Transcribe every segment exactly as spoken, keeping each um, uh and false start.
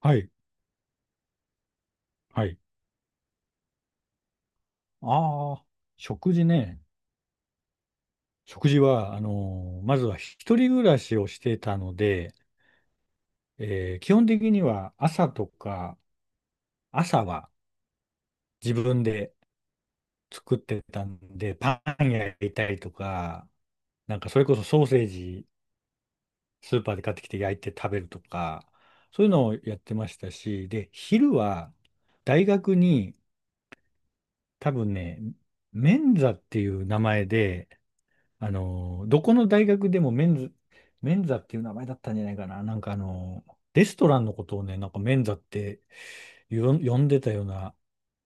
はい、はい。ああ、食事ね。食事は、あのーまずは一人暮らしをしてたので、えー基本的には朝とか、朝は自分で作ってたんで、パン焼いたりとか、なんかそれこそソーセージ、スーパーで買ってきて焼いて食べるとか、そういうのをやってましたし、で、昼は大学に多分ね、メンザっていう名前で、あの、どこの大学でもメンズ、メンザっていう名前だったんじゃないかな。なんかあの、レストランのことをね、なんかメンザってよ呼んでたような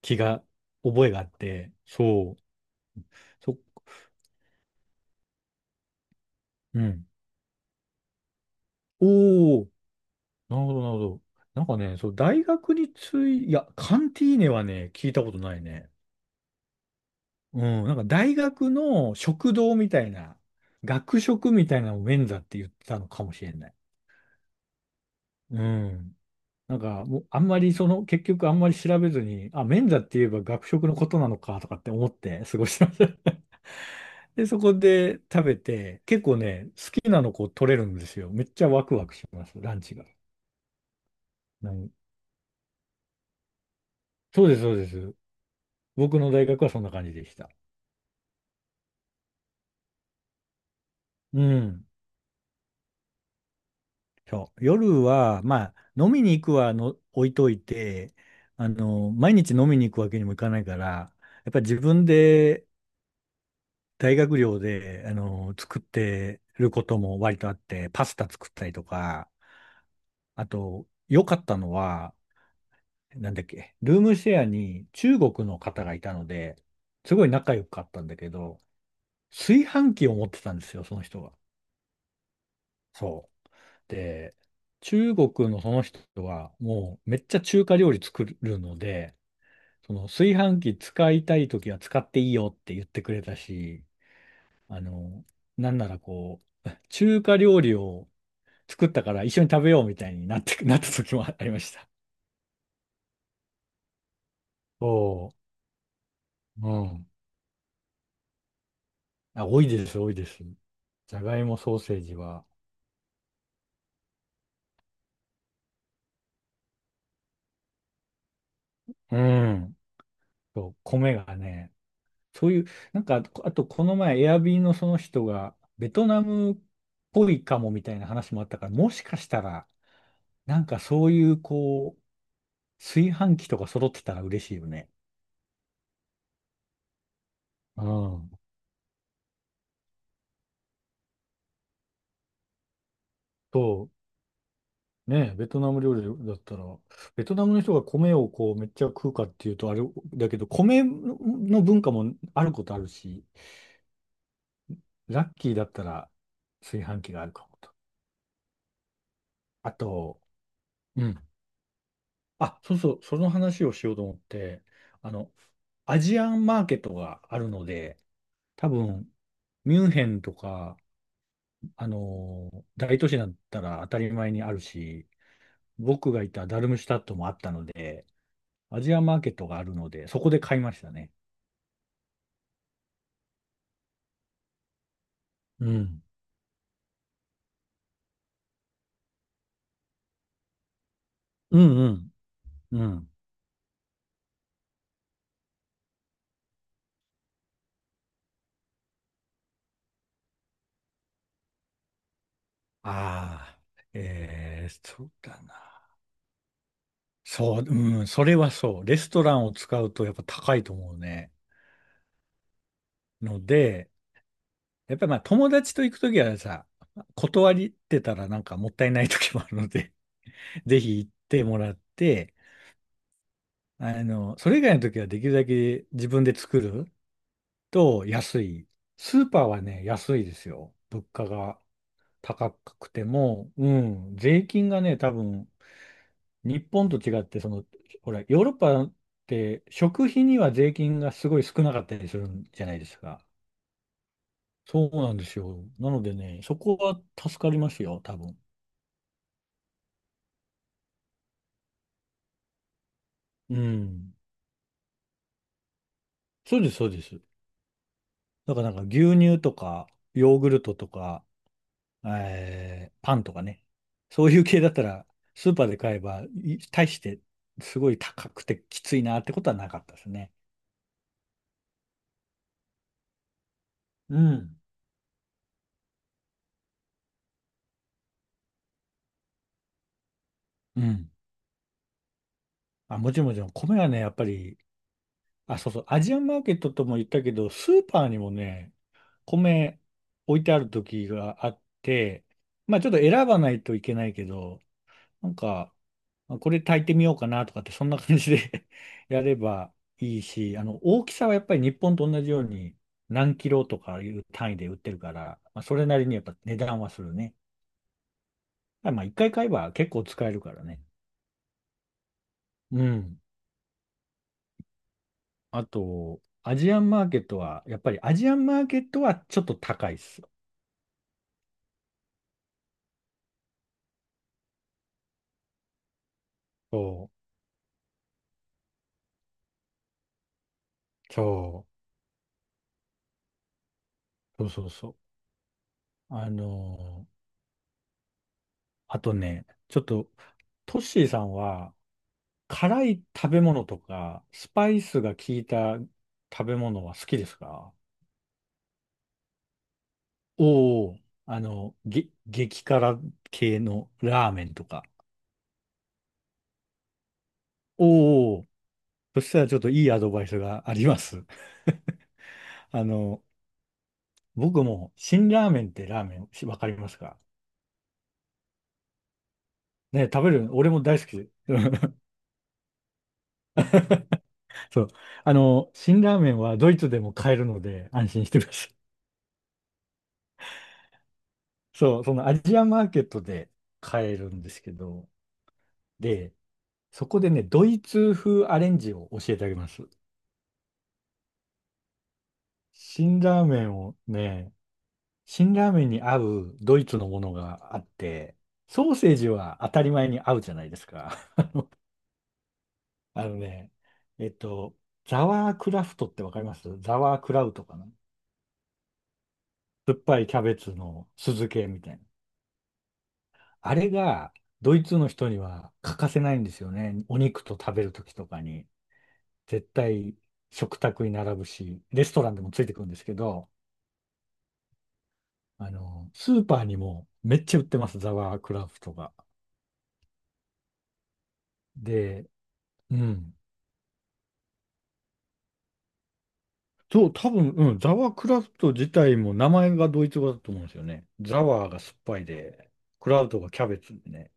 気が、覚えがあって、そう、そ、うん。おお、なるほど、なるほど。なんかね、そう、大学につい、いや、カンティーネはね、聞いたことないね。うん、なんか大学の食堂みたいな、学食みたいなのをメンザって言ってたのかもしれない。うん。なんか、もうあんまりその、結局あんまり調べずに、あ、免座って言えば学食のことなのかとかって思って過ごしてました。で、そこで食べて、結構ね、好きなのこう取れるんですよ。めっちゃワクワクします、ランチが。うん、そうです、そうです。僕の大学はそんな感じでした。うん。そう。夜は、まあ、飲みに行くはの置いといて、あの、毎日飲みに行くわけにもいかないから、やっぱり自分で大学寮で、あの、作ってることも割とあって、パスタ作ったりとか、あと、良かったのは、なんだっけ、ルームシェアに中国の方がいたので、すごい仲良かったんだけど、炊飯器を持ってたんですよ、その人が。そう。で、中国のその人は、もうめっちゃ中華料理作るので、その炊飯器使いたいときは使っていいよって言ってくれたし、あの、なんならこう、中華料理を作ったから一緒に食べようみたいになって、なった時もありました。そう。うん。あ、多いです、多いです。じゃがいもソーセージは。うん。そう、米がね、そういう、なんか、あとこの前、エアビーのその人が、ベトナムっぽいかもみたいな話もあったから、もしかしたら、なんかそういう、こう、炊飯器とか揃ってたら嬉しいよね。うん。と、ねえ、ベトナム料理だったら、ベトナムの人が米をこうめっちゃ食うかっていうとあれだけど、米の文化もあることあるし、ラッキーだったら炊飯器があるかもと。あと、うん。あ、そうそう、その話をしようと思って、あの、アジアンマーケットがあるので、多分、ミュンヘンとか、あのー大都市だったら当たり前にあるし、僕がいたダルムシュタットもあったので、アジアンマーケットがあるので、そこで買いましたね。うん。うんうん。うん。ああ、えーそうだな。そう、うん、それはそう。レストランを使うとやっぱ高いと思うね。ので、やっぱりまあ友達と行くときはさ、断りってたらなんかもったいないときもあるので、ぜひ行ってもらって、あの、それ以外のときはできるだけ自分で作ると安い。スーパーはね、安いですよ。物価が高くても、うん、税金がね、多分、日本と違って、その、ほら、ヨーロッパって食費には税金がすごい少なかったりするんじゃないですか。そうなんですよ。なのでね、そこは助かりますよ、多分。うん。そうです、そうです。だからなんか牛乳とか、ヨーグルトとか、えーパンとかね。そういう系だったら、スーパーで買えば、い大して、すごい高くてきついなってことはなかったですね。うん。うん。あ、もちろんもちろん、米はね、やっぱりあ、そうそう、アジアンマーケットとも言ったけど、スーパーにもね、米置いてある時があって、まあちょっと選ばないといけないけど、なんか、まあこれ炊いてみようかなとかって、そんな感じで やればいいし、あの、大きさはやっぱり日本と同じように何キロとかいう単位で売ってるから、まあ、それなりにやっぱ値段はするね。ただまあ一回買えば結構使えるからね。うん。あと、アジアンマーケットは、やっぱりアジアンマーケットはちょっと高いです。そう、そうそうそうそう。あのーあとね、ちょっと、トッシーさんは、辛い食べ物とか、スパイスが効いた食べ物は好きですか？おおー、あの、げ、激辛系のラーメンとか。おお、そしたらちょっといいアドバイスがあります。あの、僕も、辛ラーメンってラーメン、しわかりますか？ね、食べる、俺も大好きで そう。あの、辛ラーメンはドイツでも買えるので安心してください。そう、そのアジアマーケットで買えるんですけど、で、そこでね、ドイツ風アレンジを教えてあげます。辛ラーメンをね、辛ラーメンに合うドイツのものがあって、ソーセージは当たり前に合うじゃないですか。あのね、えっと、ザワークラフトってわかります？ザワークラウトかな？酸っぱいキャベツの酢漬けみたいな。あれがドイツの人には欠かせないんですよね。お肉と食べるときとかに。絶対食卓に並ぶし、レストランでもついてくるんですけど、あの、スーパーにもめっちゃ売ってます、ザワークラフトが。で、うん。そう、多分、うん、ザワークラフト自体も名前がドイツ語だと思うんですよね。ザワーが酸っぱいで、クラウトがキャベツでね。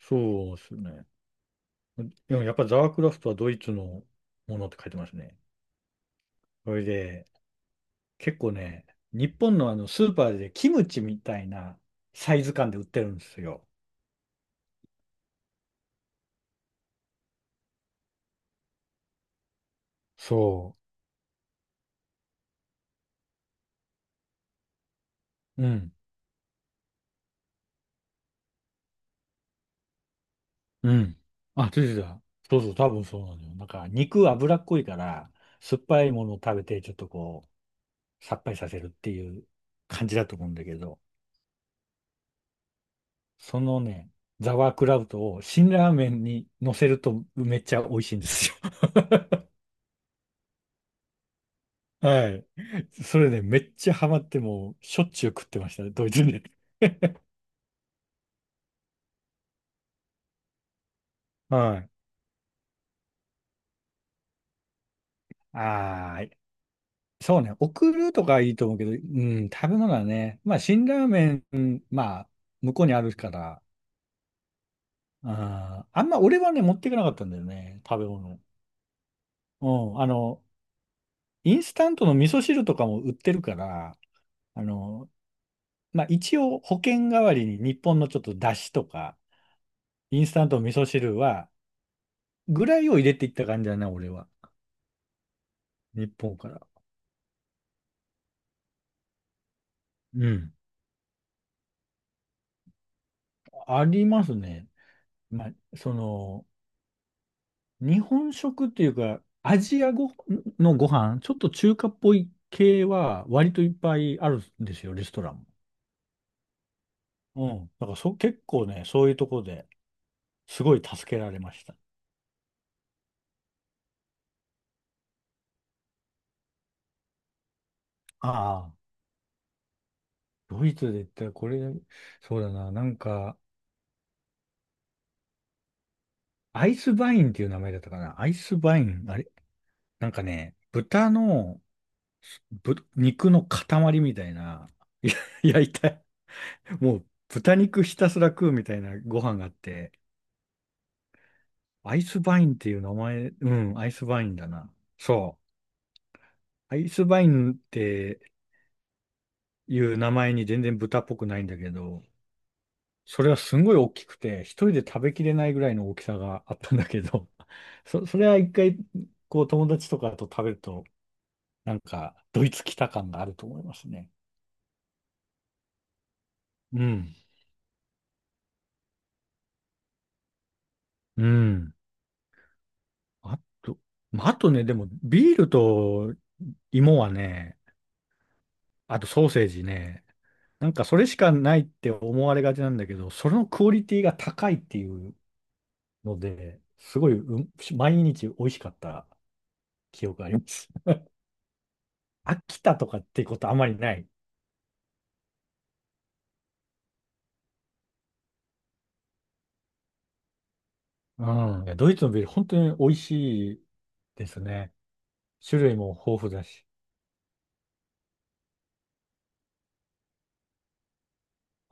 そうですよね。でもやっぱザワークラフトはドイツのものって書いてますね。それで、結構ね、日本のあのスーパーでキムチみたいなサイズ感で売ってるんですよ。そう。うん。うん。あ、出てた。そうそう、多分そうなのよ。なんか肉脂っこいから、酸っぱいものを食べてちょっとこう、さっぱりさせるっていう感じだと思うんだけど、そのね、ザワークラウトを辛ラーメンに乗せるとめっちゃ美味しいんですよ。はい。それね、めっちゃハマってもうしょっちゅう食ってましたね、ドイツで。はい。はーい。そうね、送るとかいいと思うけど、うん、食べ物はね、まあ、辛ラーメン、まあ、向こうにあるから、あー、あんま俺はね、持っていかなかったんだよね、食べ物。うん、あの、インスタントの味噌汁とかも売ってるから、あの、まあ、一応保険代わりに日本のちょっと出汁とか、インスタントの味噌汁は、ぐらいを入れていった感じだな、俺は。日本から。うん。ありますね。まあ、その、日本食っていうか、アジアごのご飯、ちょっと中華っぽい系は割といっぱいあるんですよ、レストランも。うん。だからそ、結構ね、そういうところですごい助けられました。ああ。ドイツで言ったらこれ、そうだな、なんか、アイスバインっていう名前だったかな。アイスバイン、あれなんかね、豚の、ぶ、肉の塊みたいな、いや 焼いた、もう豚肉ひたすら食うみたいなご飯があって、アイスバインっていう名前、うん、アイスバインだな。そう。アイスバインっていう名前に全然豚っぽくないんだけど、それはすんごい大きくて、一人で食べきれないぐらいの大きさがあったんだけど、そ、それは一回、こう友達とかと食べると、なんか、ドイツ来た感があると思いますね。うん。うん。あと、まああとね、でも、ビールと芋はね、あとソーセージね、なんかそれしかないって思われがちなんだけど、そのクオリティが高いっていうので、すごい、うん、毎日美味しかった記憶があります。飽きたとかってことあまりない。うん。いやドイツのビール本当に美味しいですね。種類も豊富だし。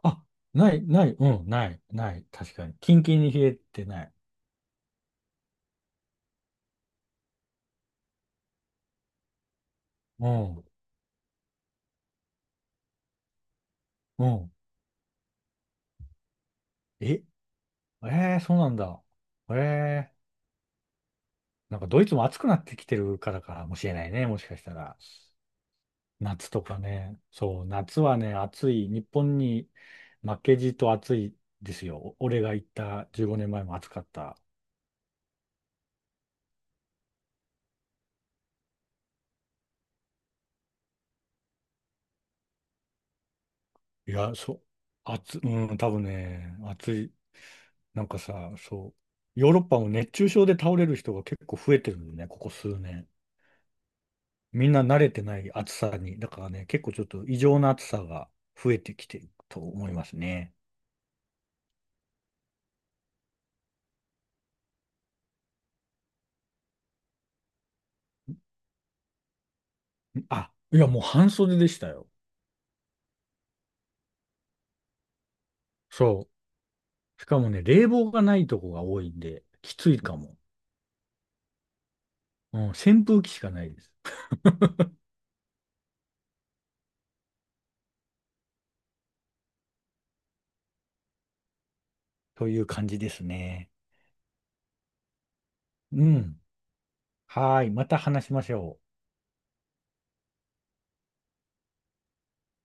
あ、ない、ない、うん、ない、ない。確かに。キンキンに冷えてない。うん、うん。え、えー、そうなんだ。えー、なんかドイツも暑くなってきてるからかもしれないね。もしかしたら。夏とかね。そう、夏はね、暑い。日本に負けじと暑いですよ。お俺が行ったじゅうごねんまえも暑かった。いや、そう、暑、うん、多分ね、暑い。なんかさ、そう、ヨーロッパも熱中症で倒れる人が結構増えてるんだよね、ここ数年。みんな慣れてない暑さに。だからね、結構ちょっと異常な暑さが増えてきてると思いますね。あ、いや、もう半袖でしたよ。そう。しかもね、冷房がないとこが多いんで、きついかも。うん、扇風機しかないです。という感じですね。うん。はーい。また話しましょう。